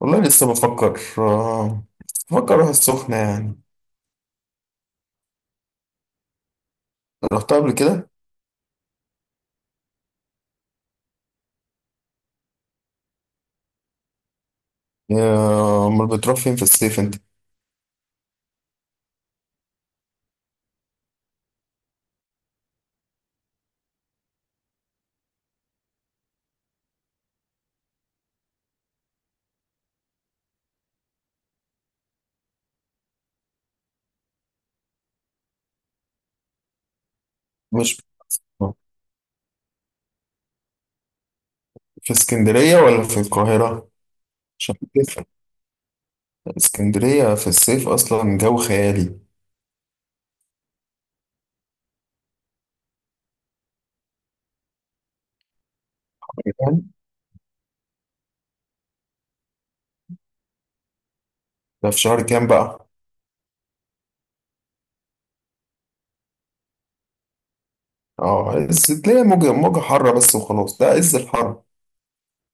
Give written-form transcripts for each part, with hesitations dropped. والله لسه بفكر اروح السخنة يعني. رحتها قبل كده. امال بتروح فين في الصيف انت؟ مش في اسكندرية ولا في القاهرة، عشان تفرق؟ اسكندرية في الصيف اصلا جو خيالي. فاهم؟ ده في شهر كام بقى؟ اه، تلاقي موجة حارة بس وخلاص، ده عز الحر.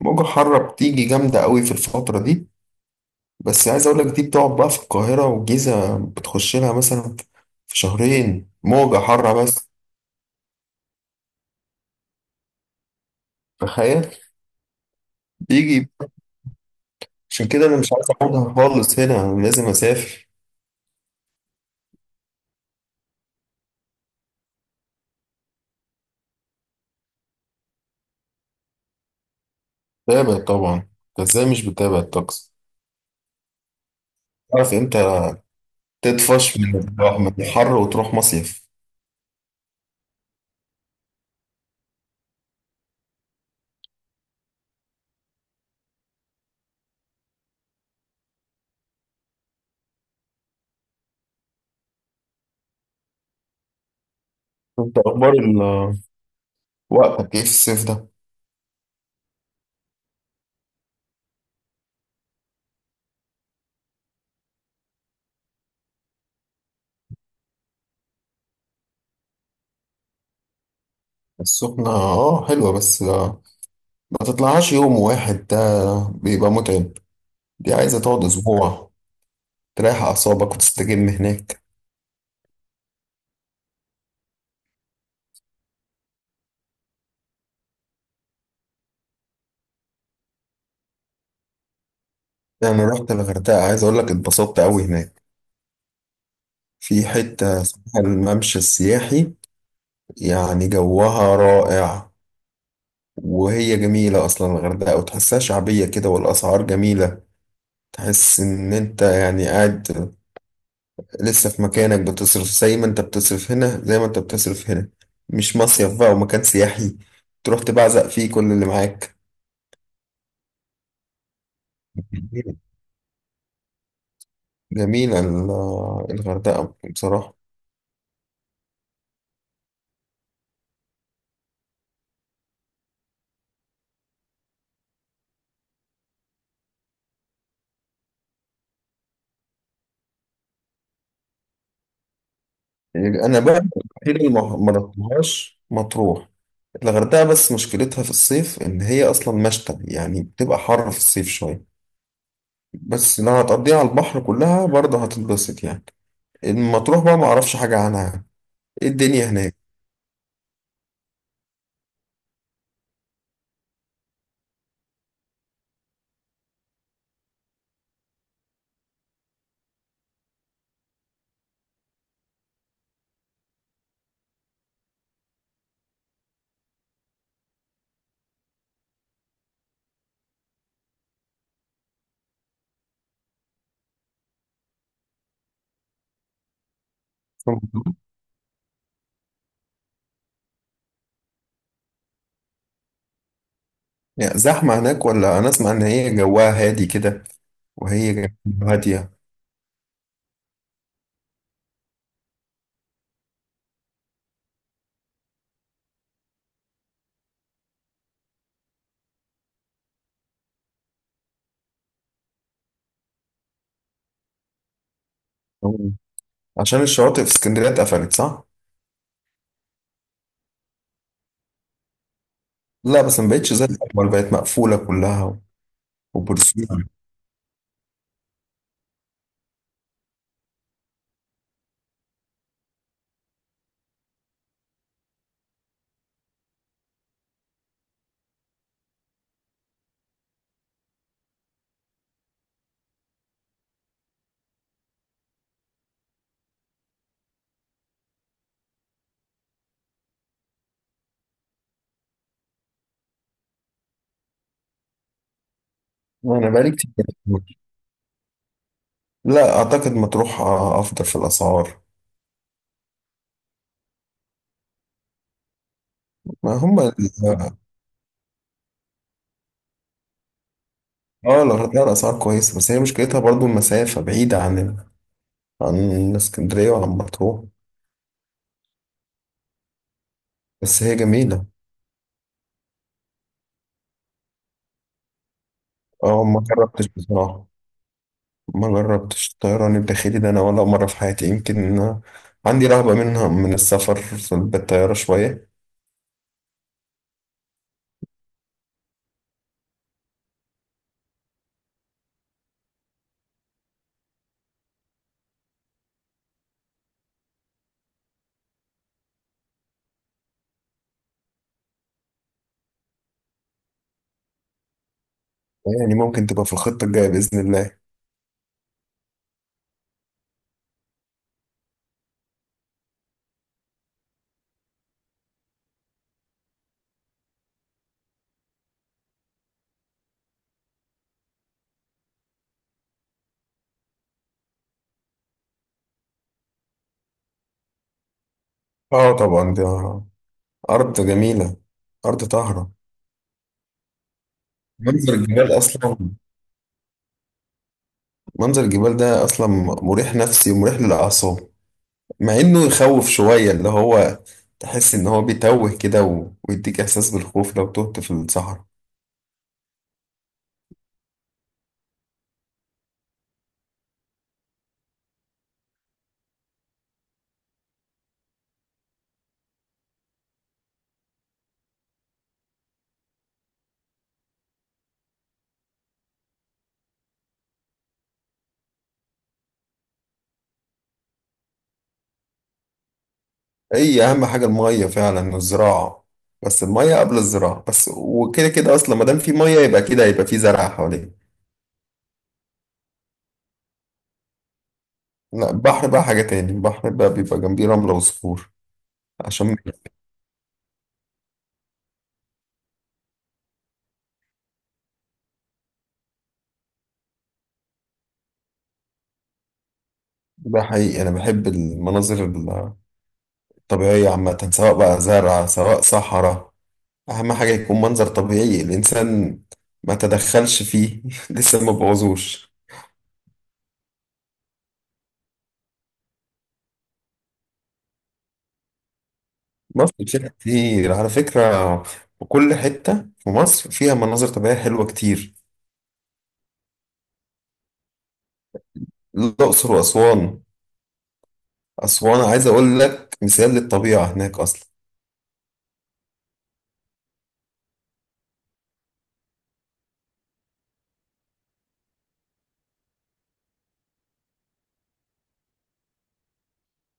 موجة حارة بتيجي جامدة قوي في الفترة دي. بس عايز اقول لك دي بتقعد بقى في القاهرة والجيزة، بتخش لها مثلا في شهرين موجة حارة بس. تخيل. يجي. عشان كده انا مش عارف اخدها خالص هنا، انا لازم اسافر. بتابع طبعا. انت ازاي مش بتابع الطقس؟ عارف امتى تطفش من من الحر وتروح مصيف. انت اخبار وقتك ايه في الصيف ده؟ السخنة اه حلوة بس ما تطلعهاش يوم واحد، ده بيبقى متعب. دي عايزة تقعد اسبوع، تريح اعصابك وتستجم هناك. يعني رحت الغردقة، عايز اقول لك اتبسطت قوي هناك. في حتة اسمها الممشى السياحي. يعني جوها رائع. وهي جميلة أصلا الغردقة، وتحسها شعبية كده والأسعار جميلة. تحس إن أنت يعني قاعد لسه في مكانك، بتصرف زي ما أنت بتصرف هنا زي ما أنت بتصرف هنا. مش مصيف بقى ومكان سياحي تروح تبعزق فيه كل اللي معاك. جميلة، جميلة الغردقة بصراحة. أنا بقى الوحيدة اللي ما رحتهاش مطروح. الغردقة بس مشكلتها في الصيف إن هي أصلا مشتى، يعني بتبقى حر في الصيف شوية. بس لو هتقضيها على البحر كلها برضه هتتبسط يعني. المطروح بقى ما اعرفش حاجة عنها يعني. ايه الدنيا هناك؟ يعني زحمة هناك، ولا انا اسمع ان هي جواها هادي كده؟ وهي جواها هادية؟ عشان الشواطئ في اسكندرية اتقفلت، صح؟ لا بس ما بقتش زي الاول، بقت مقفولة كلها. وبورسعيد. انا بقالي كتير ما رحتش. لا اعتقد مطروح افضل في الاسعار. ما هم ال- اه الغردقة الاسعار كويسة، بس هي مشكلتها برضو المسافة بعيدة عن عن اسكندرية وعن مطروح. بس هي جميلة. اه ما جربتش بصراحة. ما جربتش الطيران الداخلي ده انا ولا مرة في حياتي، يمكن عندي رهبة منها من السفر بالطيارة شوية. يعني ممكن تبقى في الخطة الجاية بإذن الله. اه طبعا، دي أرض جميلة، أرض طاهرة. منظر الجبال أصلا، منظر الجبال ده أصلا مريح نفسي ومريح للأعصاب. مع إنه يخوف شوية، اللي هو تحس إن هو بيتوه كده ويديك إحساس بالخوف لو تهت في الصحراء. هي اهم حاجه الميه فعلا والزراعه. بس الميه قبل الزراعه بس، وكده كده اصلا ما دام في ميه يبقى كده هيبقى في زرع حواليه. لا البحر بقى حاجه تاني، البحر بقى بيبقى جنبيه رمله وصخور. عشان ده حقيقي، انا بحب المناظر الطبيعيه عامه، سواء بقى زرع سواء صحراء. اهم حاجه يكون منظر طبيعي الانسان ما تدخلش فيه لسه ما بوظوش. مصر فيها كتير على فكره، وكل حته في مصر فيها مناظر طبيعيه حلوه كتير. الأقصر وأسوان، أسوان عايز أقول لك مثال للطبيعة هناك أصلا.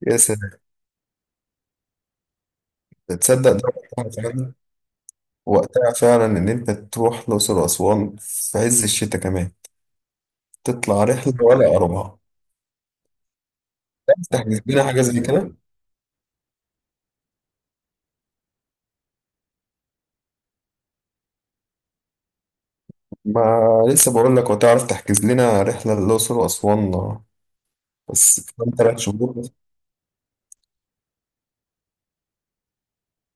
يا سلام. تصدق ده؟ وقتها فعلا وقتها فعلا إن أنت تروح الأقصر وأسوان في عز الشتاء كمان. تطلع رحلة ولا أربعة. تحجز لنا حاجة زي كده. ما لسه بقول لك، وتعرف تحجز لنا رحلة للأقصر وأسوان بس كمان تلات شهور بس.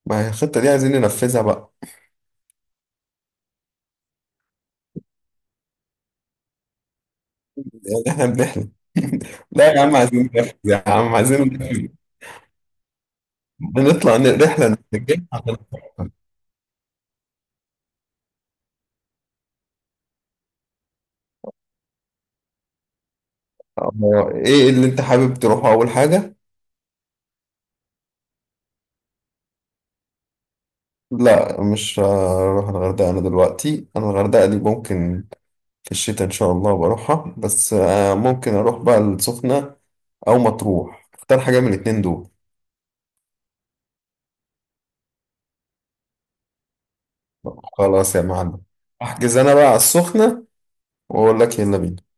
ما هي الخطة دي عايزين ننفذها بقى. يعني إحنا بنحلم لا يا عم عايزين ننفذ، يا عم عايزين ننفذ. بنطلع رحلة، نتجمع ايه اللي انت حابب تروحه اول حاجة؟ لا مش هروح الغردقة انا دلوقتي، انا الغردقة دي ممكن في الشتاء ان شاء الله بروحها، بس ممكن اروح بقى السخنة او مطروح، اختار حاجة من الاتنين دول. خلاص يا معلم، احجز انا بقى على السخنة واقول لك يلا بينا.